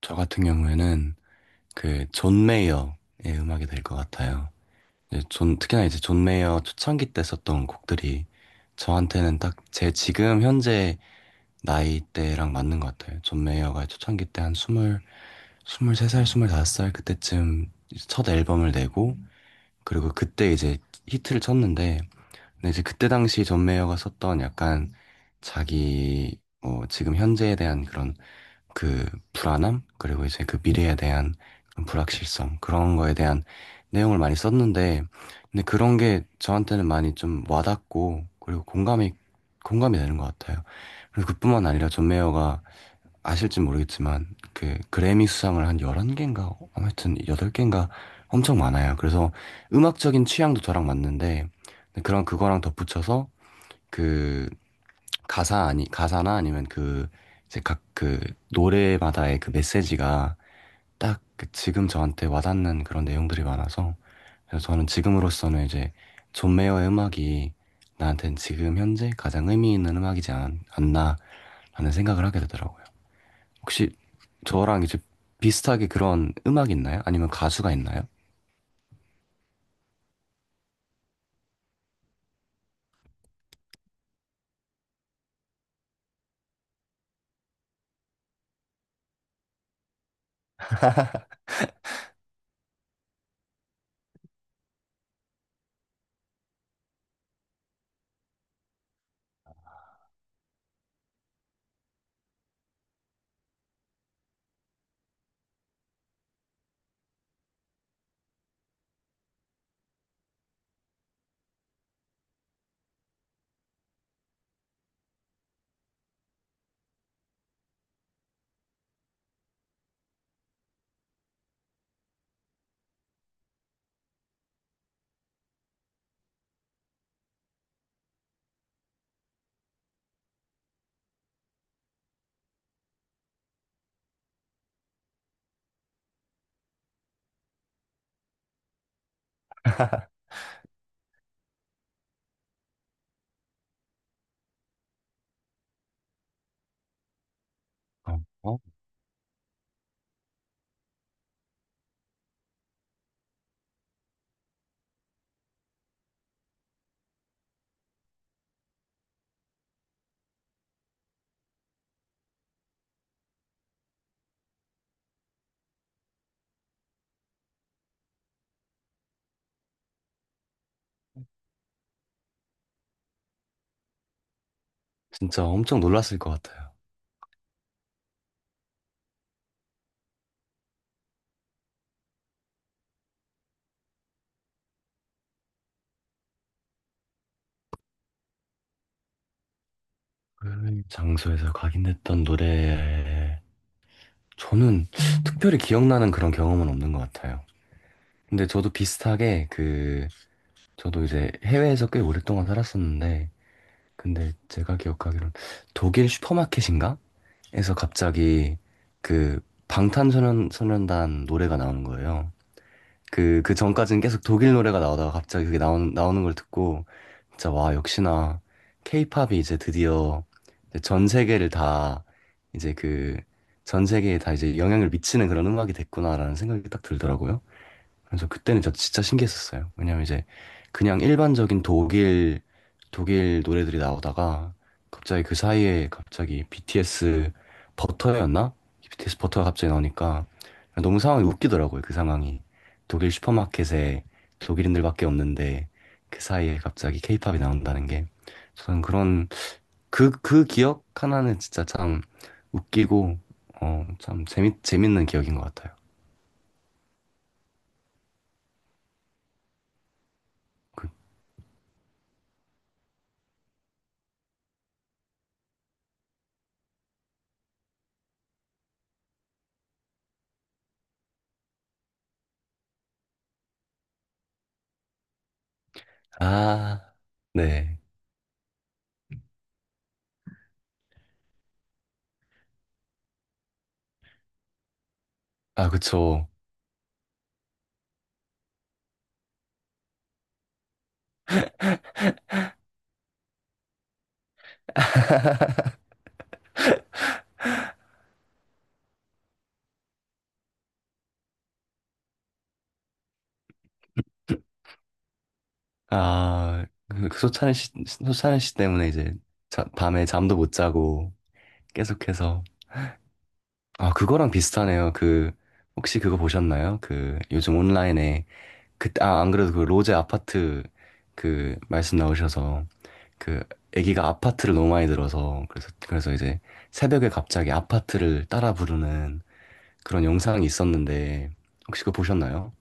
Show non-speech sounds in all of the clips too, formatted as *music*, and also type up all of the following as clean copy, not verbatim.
저 같은 경우에는 그 존 메이어의 음악이 될 것 같아요. 이제 존, 특히나 이제 존 메이어 초창기 때 썼던 곡들이 저한테는 딱 제 지금 현재 나이대랑 맞는 것 같아요. 존 메이어가 초창기 때 한 스물, 스물세 살, 스물다섯 살 그때쯤 이제 첫 앨범을 내고 그리고 그때 이제 히트를 쳤는데, 근데 이제 그때 당시 존 메이어가 썼던 약간 자기 뭐 지금 현재에 대한 그런 그 불안함 그리고 이제 그 미래에 대한 그런 불확실성, 그런 거에 대한 내용을 많이 썼는데, 근데 그런 게 저한테는 많이 좀 와닿고 그리고 공감이 되는 것 같아요. 그래서 그뿐만 아니라 존 메이어가, 아실지 모르겠지만, 그 그래미 수상을 한 11개인가 아무튼 8개인가 엄청 많아요. 그래서 음악적인 취향도 저랑 맞는데, 근데 그런 그거랑 덧붙여서 그 가사, 아니 가사나 아니면 그 이제 각 그 노래마다의 그 메시지가 딱그 지금 저한테 와닿는 그런 내용들이 많아서, 그래서 저는 지금으로서는 이제 존 메이어의 음악이 나한테는 지금 현재 가장 의미 있는 음악이지 않, 나 라는 생각을 하게 되더라고요. 혹시 저랑 이제 비슷하게 그런 음악 있나요? 아니면 가수가 있나요? 어, 어? 진짜 엄청 놀랐을 것 같아요. 그 장소에서 각인됐던 노래, 저는 특별히 기억나는 그런 경험은 없는 것 같아요. 근데 저도 비슷하게 그, 저도 이제 해외에서 꽤 오랫동안 살았었는데, 근데 제가 기억하기로는 독일 슈퍼마켓인가? 에서 갑자기 그 방탄소년단 노래가 나오는 거예요. 그, 그 전까지는 계속 독일 노래가 나오다가 갑자기 그게 나오는 걸 듣고, 진짜 와, 역시나, 케이팝이 이제 드디어 이제 전 세계를 다, 이제 그, 전 세계에 다 이제 영향을 미치는 그런 음악이 됐구나라는 생각이 딱 들더라고요. 그래서 그때는 저 진짜 신기했었어요. 왜냐면 이제 그냥 일반적인 독일 노래들이 나오다가 갑자기 그 사이에 갑자기 BTS 버터였나, BTS 버터가 갑자기 나오니까 너무 상황이 웃기더라고요. 그 상황이 독일 슈퍼마켓에 독일인들밖에 없는데 그 사이에 갑자기 케이팝이 나온다는 게, 저는 그런 그 기억 하나는 진짜 참 웃기고 어 참 재밌는 기억인 것 같아요. 그- 아, 네. 아, 그쵸. *laughs* 아, 그, 그 소찬이 씨, 소찬이 씨 때문에 이제 밤에 잠도 못 자고 계속해서. 아, 그거랑 비슷하네요. 그, 혹시 그거 보셨나요? 그, 요즘 온라인에, 그, 아, 안 그래도 그 로제 아파트 그 말씀 나오셔서 그 애기가 아파트를 너무 많이 들어서, 그래서, 그래서 이제 새벽에 갑자기 아파트를 따라 부르는 그런 영상이 있었는데 혹시 그거 보셨나요?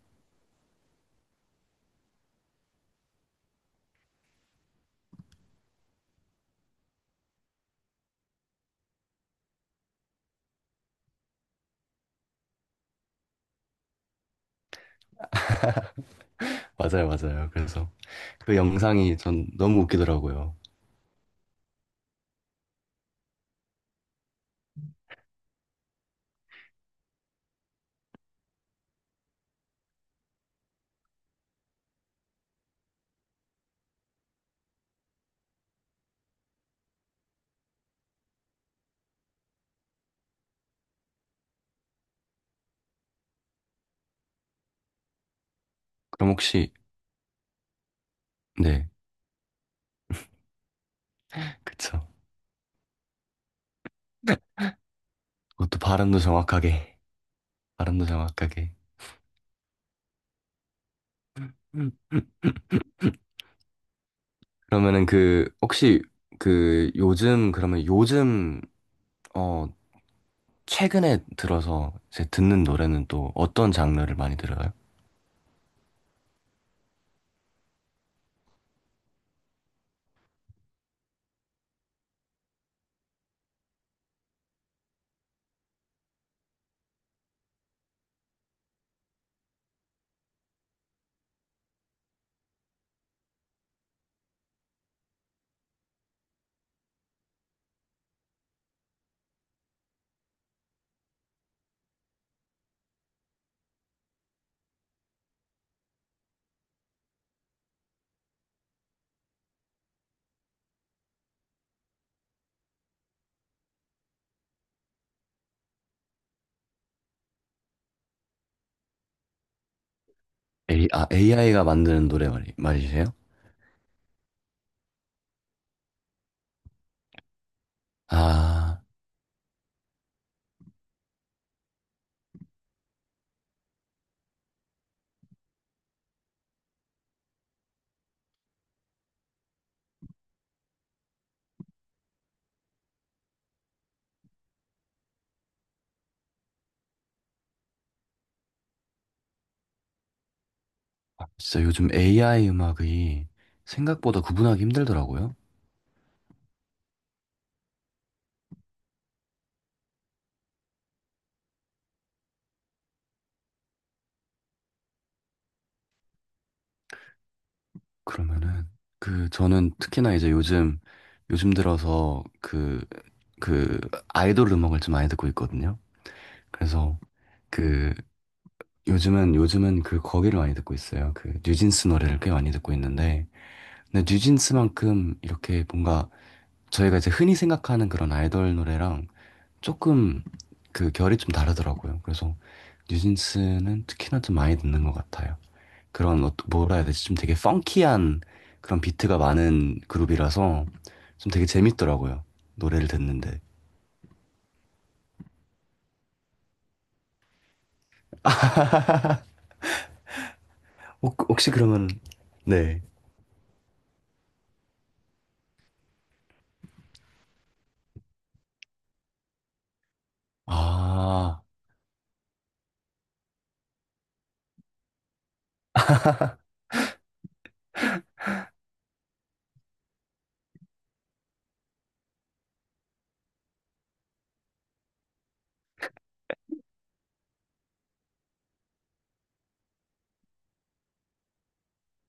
*laughs* 맞아요, 맞아요, 그래서. 그 영상이 전 너무 웃기더라고요. 그럼 혹시, 네, 그쵸. 그것도 발음도 정확하게, 발음도 정확하게. 음. 그러면은 그, 혹시 그 요즘, 그러면 요즘, 어, 최근에 들어서 이제 듣는 노래는 또 어떤 장르를 많이 들어요? A, 아, AI가 만드는 노래 말이세요? 아, 아, 진짜 요즘 AI 음악이 생각보다 구분하기 힘들더라고요. 그러면은 그 저는 특히나 이제 요즘 요즘 들어서 그 그 아이돌 음악을 좀 많이 듣고 있거든요. 그래서 그 요즘은 그 거기를 많이 듣고 있어요. 그 뉴진스 노래를 꽤 많이 듣고 있는데, 근데 뉴진스만큼 이렇게 뭔가 저희가 이제 흔히 생각하는 그런 아이돌 노래랑 조금 그 결이 좀 다르더라고요. 그래서 뉴진스는 특히나 좀 많이 듣는 것 같아요. 그런 어, 뭐라 해야 되지? 좀 되게 펑키한 그런 비트가 많은 그룹이라서 좀 되게 재밌더라고요, 노래를 듣는데. 혹시 그러면 네. 아,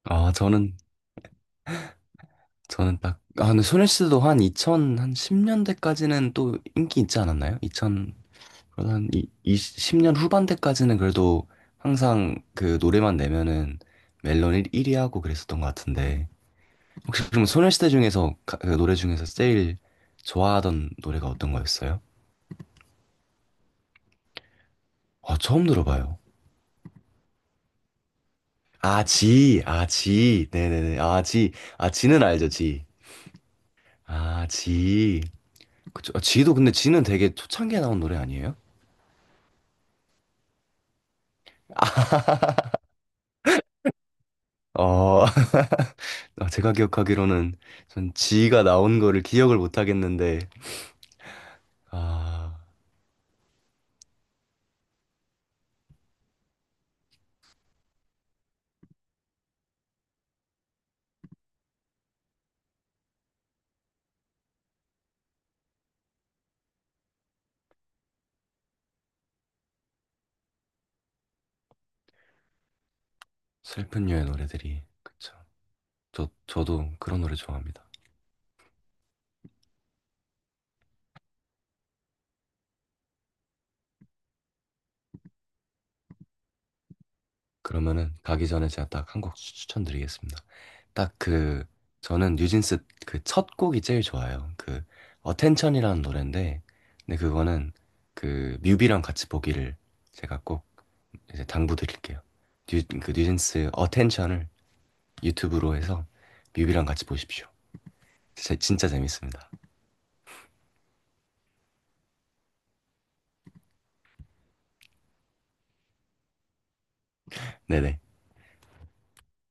아 저는 딱, 아, 근데 소녀시대도 한 2000, 한 10년대까지는 또 인기 있지 않았나요? 2000, 그러다 한 20년 후반대까지는 그래도 항상 그 노래만 내면은 멜론 1위 하고 그랬었던 것 같은데. 혹시 그럼 소녀시대 중에서 그 노래 중에서 제일 좋아하던 노래가 어떤 거였어요? 아, 처음 들어봐요. 아, 지, 아, 지, 네네네, 아, 지, 아, 지는 알죠, 지. 아, 지. 그쵸. 아, 지도 근데 지는 되게 초창기에 나온 노래 아니에요? 어, *laughs* 아, 제가 기억하기로는 전 지가 나온 거를 기억을 못 하겠는데, 아, 슬픈 유의 노래들이. 그쵸. 저, 저도 그런 노래 좋아합니다. 그러면은 가기 전에 제가 딱 한 곡 추천드리겠습니다. 딱 그 저는 뉴진스 그 첫 곡이 제일 좋아요. 그 어텐션이라는 노래인데, 근데 그거는 그 뮤비랑 같이 보기를 제가 꼭 이제 당부드릴게요. 뉴, 그 뉴진스 어텐션을 유튜브로 해서 뮤비랑 같이 보십시오. 진짜, 진짜 재밌습니다. 네네.